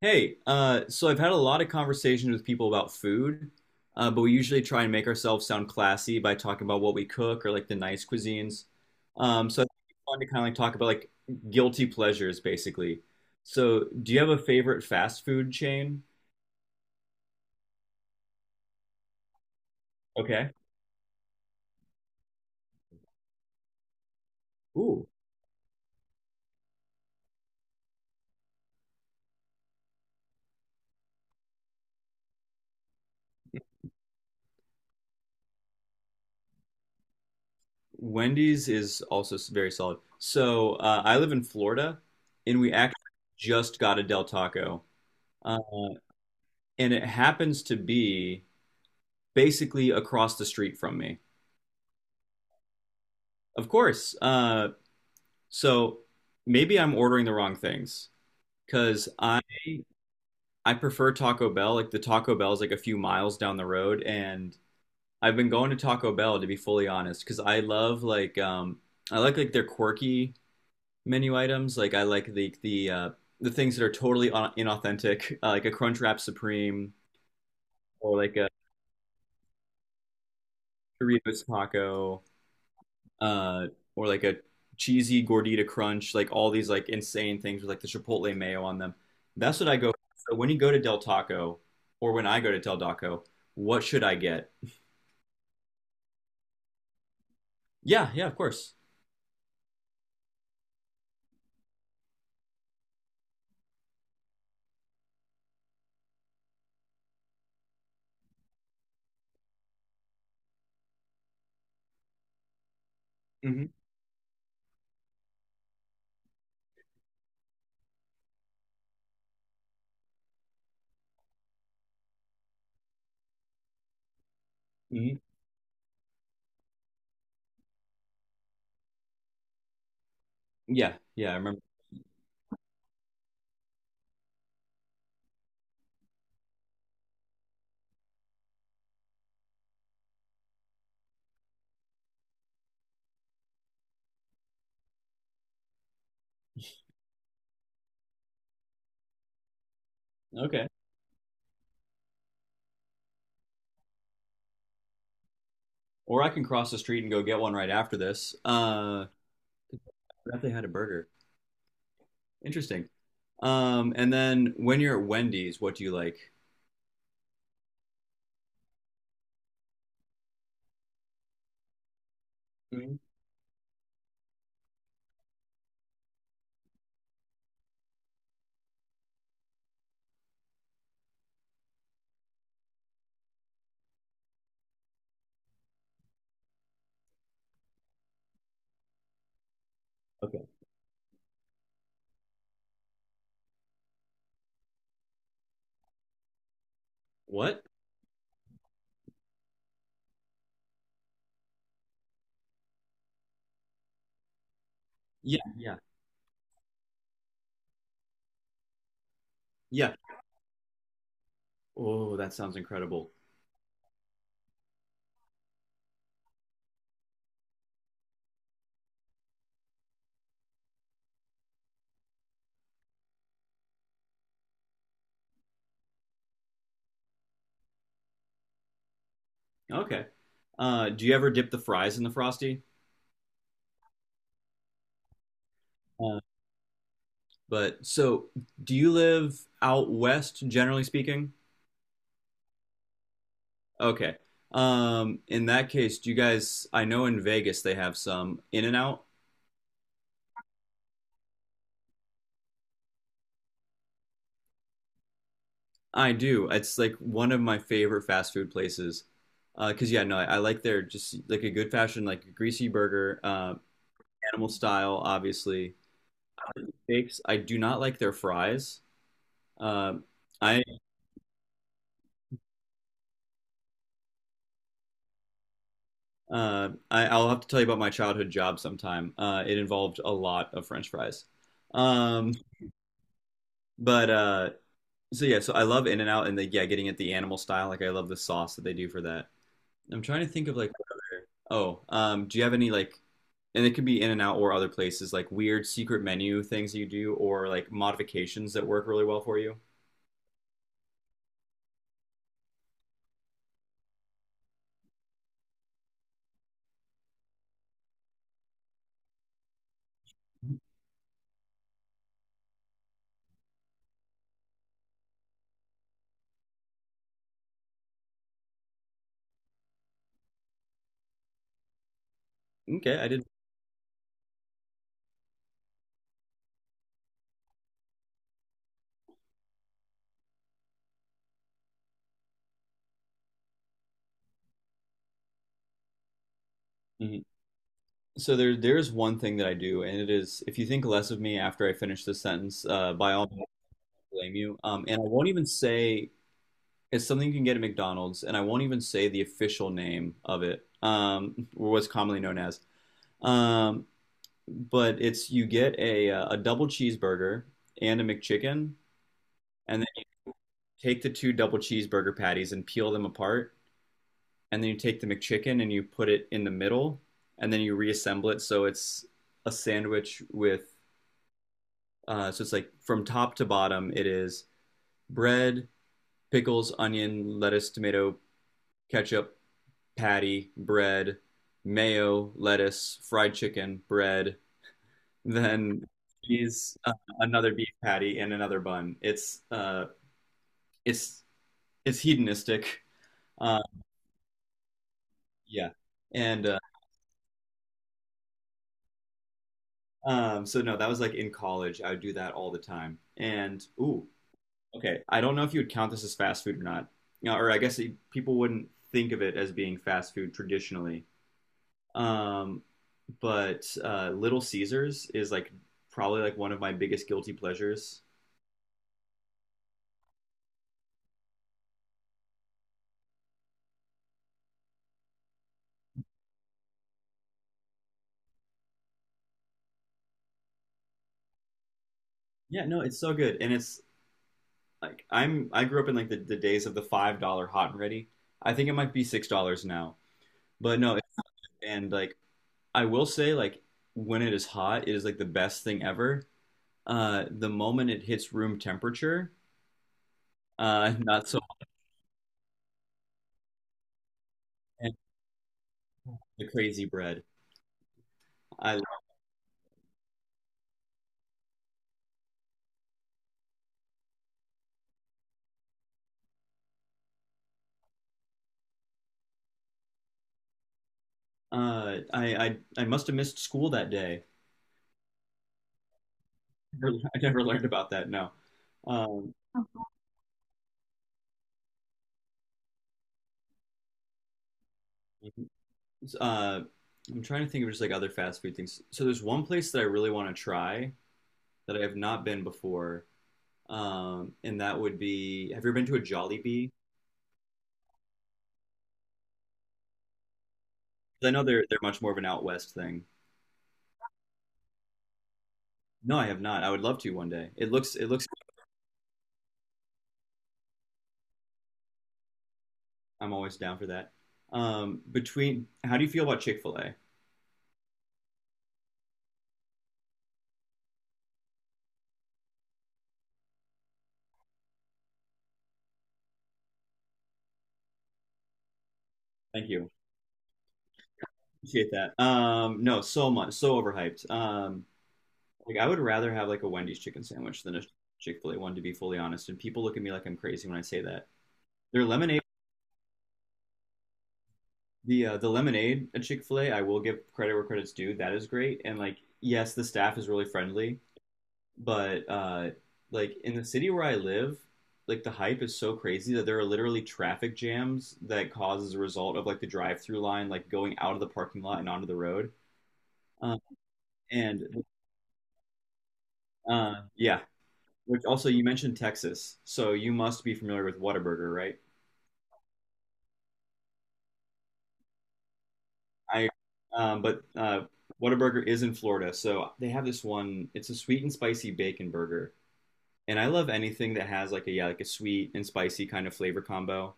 Hey, so I've had a lot of conversations with people about food, but we usually try and make ourselves sound classy by talking about what we cook or like the nice cuisines. So I think it's fun to kind of like talk about like guilty pleasures, basically. So, do you have a favorite fast food chain? Okay. Ooh, Wendy's is also very solid. So, I live in Florida, and we actually just got a Del Taco, uh, and it happens to be basically across the street from me. Of course. So maybe I'm ordering the wrong things because I prefer Taco Bell. Like the Taco Bell is like a few miles down the road, and I've been going to Taco Bell to be fully honest because I love like I like their quirky menu items. Like I like the things that are totally inauthentic, like a Crunchwrap Supreme or like a Doritos taco. uh, or like a cheesy gordita crunch, like all these like insane things with like the chipotle mayo on them. That's what I go for. So when you go to Del Taco, or when I go to Del Taco, what should I get? Yeah, yeah, of course. Hmm. Hmm. Yeah, yeah, I remember. Okay. Or I can cross the street and go get one right after this. I forgot they had a burger. Interesting. And then when you're at Wendy's, what do you like? Mhm. Okay. What? Yeah, yeah, yeah. Oh, that sounds incredible. Okay. Do you ever dip the fries in the frosty? Uh, but so, do you live out west, generally speaking? Okay. In that case, do you guys? I know in Vegas they have some In-N-Out. I do. It's like one of my favorite fast food places. 'Cause yeah, no, I like their just like a good fashion, like a greasy burger, animal style, obviously. Bakes. I do not like their fries. Um, I I'll have to tell you about my childhood job sometime. It involved a lot of French fries. Um, but so yeah, so I love in and out and the, yeah, getting at the animal style. Like I love the sauce that they do for that. I'm trying to think of like what other. Oh, do you have any like? And it could be in and out or other places like weird secret menu things you do or like modifications that work really well for you. Okay, I did. Mhm. So there's one thing that I do, and it is if you think less of me after I finish this sentence, by all blame you. And I won't even say it's something you can get at McDonald's, and I won't even say the official name of it, or what's commonly known as. Um, but it's you get a double cheeseburger and a McChicken, and then you take the two double cheeseburger patties and peel them apart, and then you take the McChicken and you put it in the middle, and then you reassemble it so it's a sandwich with so it's like from top to bottom it is bread, pickles, onion, lettuce, tomato, ketchup, patty, bread, mayo, lettuce, fried chicken, bread, then cheese, another beef patty, and another bun. It's it's hedonistic. Uh, yeah, and so no, that was like in college. I would do that all the time. And ooh, okay, I don't know if you would count this as fast food or not. You know, or I guess people wouldn't think of it as being fast food traditionally. Um, but Little Caesars is like probably like one of my biggest guilty pleasures. Yeah, no, it's so good, and it's like I grew up in like the days of the $5 hot and ready. I think it might be $6 now, but no, and like I will say like when it is hot, it is like the best thing ever. The moment it hits room temperature, not so and the crazy bread. I I must have missed school that day. I never learned about that. No. Um, Uh, I'm trying to think of just like other fast food things. So there's one place that I really want to try that I have not been before, and that would be. Have you ever been to a Jollibee? 'Cause I know they're much more of an out west thing. No, I have not. I would love to one day. It looks. I'm always down for that. Between, how do you feel about Chick-fil-A? Thank you. Appreciate that. No, so much, so overhyped. Like I would rather have like a Wendy's chicken sandwich than a Chick-fil-A one, to be fully honest. And people look at me like I'm crazy when I say that. Their lemonade the lemonade at Chick-fil-A, I will give credit where credit's due. That is great. And like, yes, the staff is really friendly, but like in the city where I live, like the hype is so crazy that there are literally traffic jams that cause as a result of like the drive-through line like going out of the parking lot and onto the road. Uh, and yeah, which also you mentioned Texas, so you must be familiar with Whataburger, right? I But Whataburger is in Florida, so they have this one, it's a sweet and spicy bacon burger and I love anything that has like a yeah like a sweet and spicy kind of flavor combo.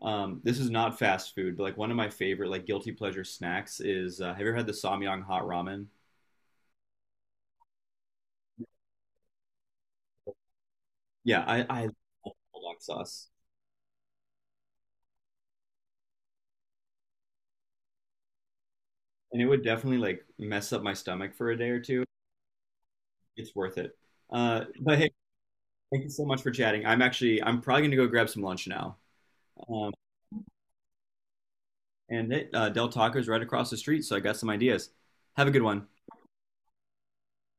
This is not fast food, but like one of my favorite like guilty pleasure snacks is have you ever had the Samyang hot ramen? Yeah, I love bulldog sauce, and it would definitely like mess up my stomach for a day or two. It's worth it. But hey, thank you so much for chatting. I'm actually, I'm probably gonna go grab some lunch now. Um, and it, Del Taco's right across the street, so I got some ideas. Have a good one.